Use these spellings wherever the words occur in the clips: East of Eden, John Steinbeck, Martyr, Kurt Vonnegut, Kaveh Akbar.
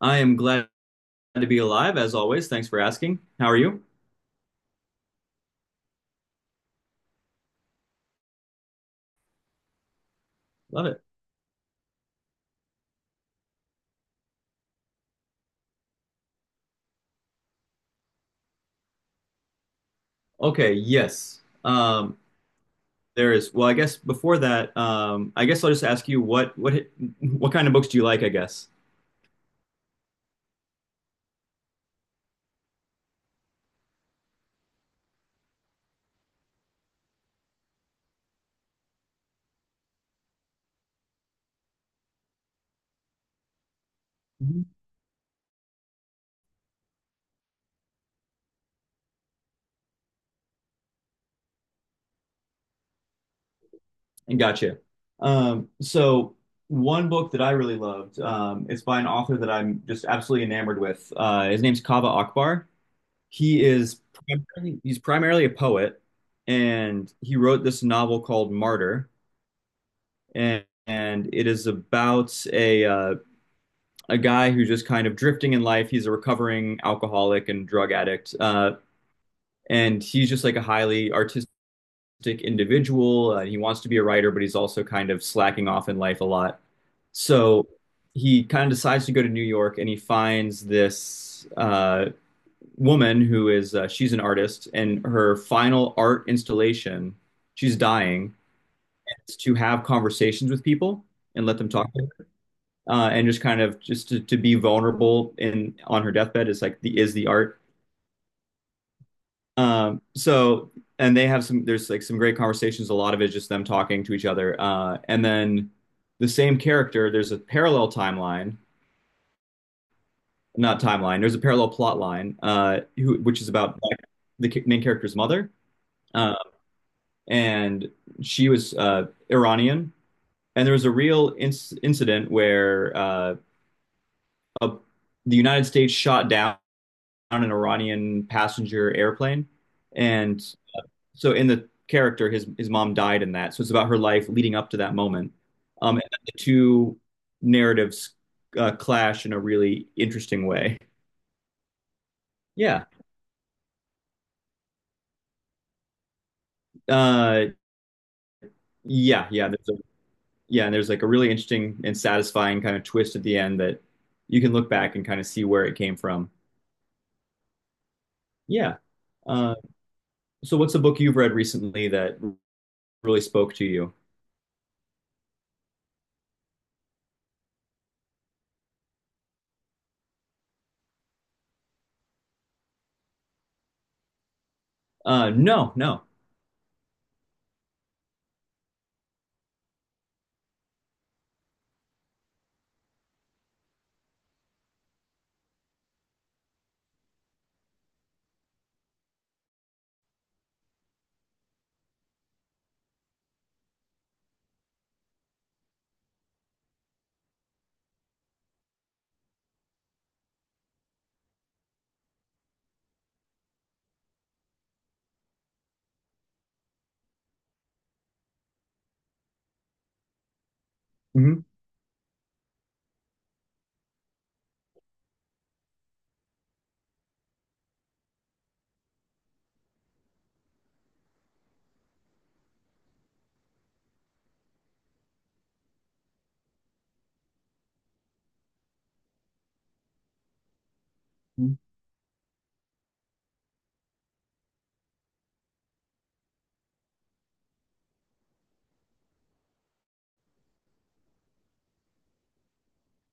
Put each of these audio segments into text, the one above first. I am glad to be alive, as always. Thanks for asking. How are you? Love it. Okay, yes. There is. Well, I guess before that, I guess I'll just ask you what kind of books do you like, I guess. Mhm. And gotcha. So one book that I really loved, it's by an author that I'm just absolutely enamored with. His name's Kaveh Akbar. He is primarily a poet, and he wrote this novel called Martyr. And it is about a guy who's just kind of drifting in life. He's a recovering alcoholic and drug addict, and he's just like a highly artistic individual. He wants to be a writer, but he's also kind of slacking off in life a lot. So he kind of decides to go to New York, and he finds this woman who is she's an artist, and her final art installation, she's dying, is to have conversations with people and let them talk to and just kind of just to be vulnerable in on her deathbed is like the art. So and they have some there's like some great conversations. A lot of it is just them talking to each other. And then the same character, there's a parallel timeline, not timeline. There's a parallel plot line, which is about the main character's mother, uh, and she was Iranian. And there was a real incident where a, the United States shot down on an Iranian passenger airplane. And so his mom died in that. So it's about her life leading up to that moment. And the two narratives clash in a really interesting way. Yeah. Uh, yeah, yeah. Yeah, and there's like a really interesting and satisfying kind of twist at the end that you can look back and kind of see where it came from. Yeah. Uh, so what's a book you've read recently that really spoke to you? No, no. Hmm.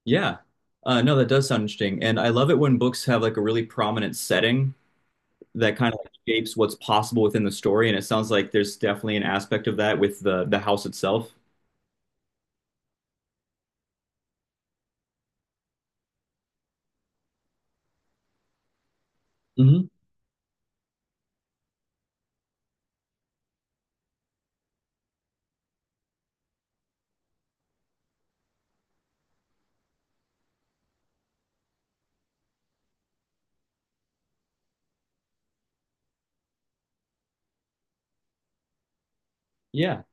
Yeah. No, that does sound interesting. And I love it when books have like a really prominent setting that kind of like shapes what's possible within the story. And it sounds like there's definitely an aspect of that with the house itself. Hmm. Yeah.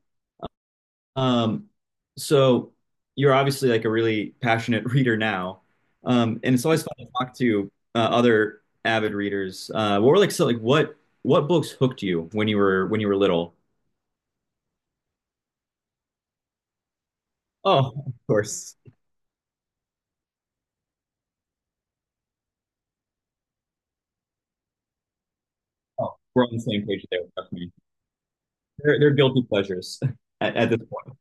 Um, so you're obviously like a really passionate reader now. And it's always fun to talk to other avid readers. What were like so like what books hooked you when you were little? Oh, of course. Oh, we're on the same page there. They're guilty pleasures at this point.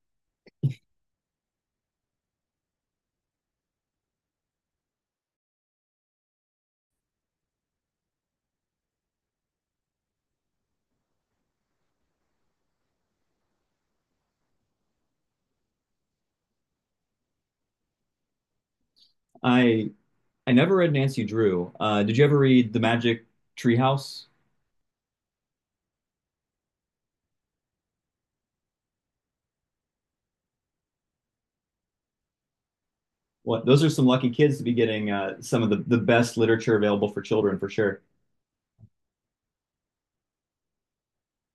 I I never read Nancy Drew. Did you ever read The Magic Treehouse? What, those are some lucky kids to be getting some of the best literature available for children for sure.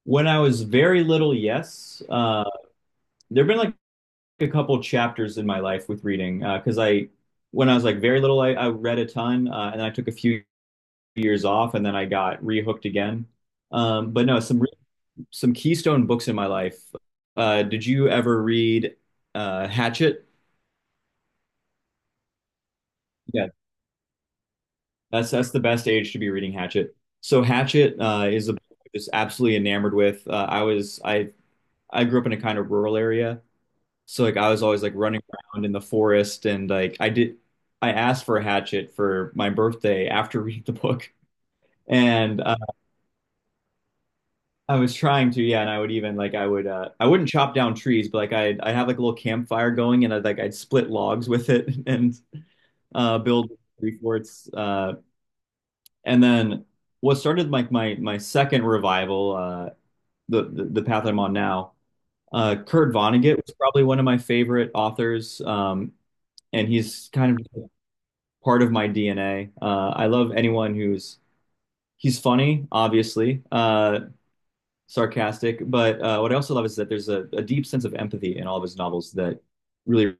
When I was very little, yes, there've been like a couple chapters in my life with reading because I when I was like very little, I read a ton and I took a few years off and then I got rehooked again. But no, some keystone books in my life. Did you ever read Hatchet? Yeah, that's the best age to be reading Hatchet. So Hatchet is a book I'm just absolutely enamored with. I was I grew up in a kind of rural area, so like I was always like running around in the forest, and I asked for a Hatchet for my birthday after reading the book, and I was trying to yeah, and I would even I wouldn't chop down trees, but I have like a little campfire going, and I'd split logs with it and build three forts. And then What started like my second revival, the path I'm on now. Kurt Vonnegut was probably one of my favorite authors, and he's kind of part of my DNA. I love anyone who's He's funny, obviously, sarcastic, but what I also love is that there's a deep sense of empathy in all of his novels that really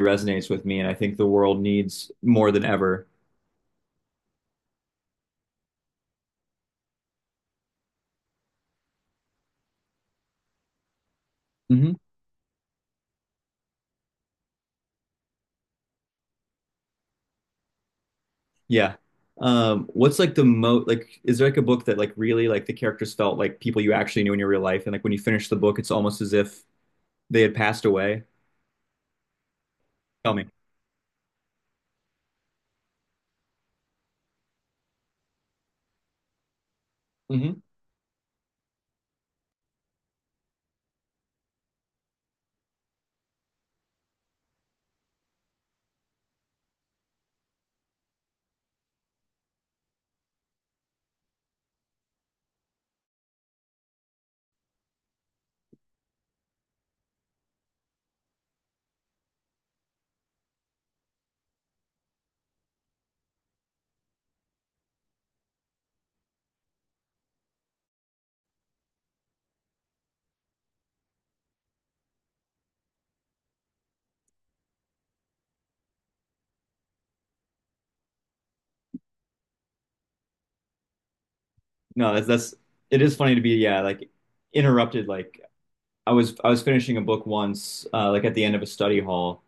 resonates with me, and I think the world needs more than ever. Mhm. Yeah. What's like the most like Is there like a book that like really like the characters felt like people you actually knew in your real life, and like when you finish the book it's almost as if they had passed away? Tell me. Hmm. No, that's it is funny to be interrupted. I was finishing a book once like at the end of a study hall,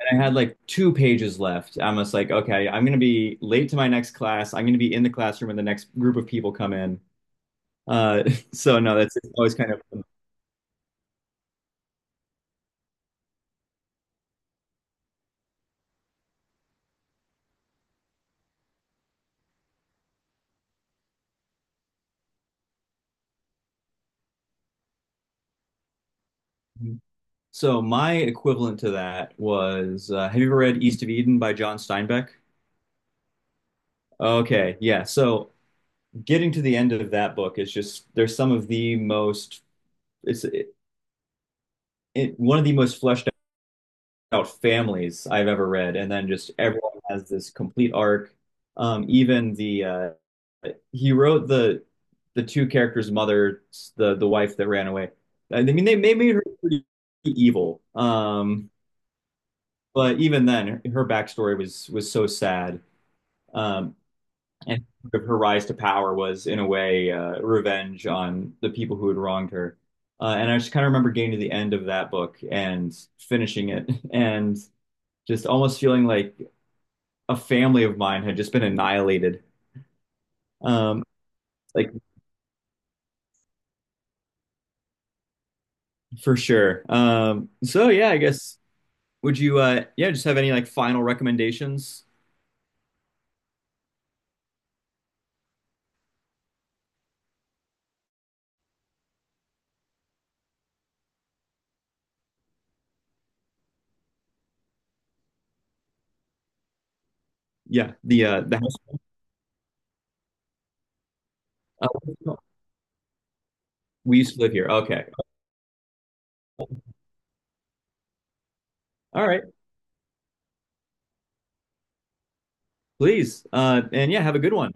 and I had like two pages left. I'm just like, okay, I'm gonna be late to my next class. I'm gonna be in the classroom when the next group of people come in. Uh, so no, that's it's always kind of my equivalent to that was have you ever read East of Eden by John Steinbeck? Okay, yeah. So getting to the end of that book is just there's some of the most it's it, one of the most fleshed out families I've ever read, and then just everyone has this complete arc. Even the he wrote the two characters' mother, the wife that ran away. I mean, they made her pretty evil. But even then, her backstory was so sad. Um, and sort of her rise to power was, in a way, revenge on the people who had wronged her. And I just kind of remember getting to the end of that book and finishing it, and just almost feeling like a family of mine had just been annihilated. Um, like for sure. I guess would you just have any like final recommendations? Yeah, the house uh, we used to live here. Okay. All right, please. And Yeah, have a good one.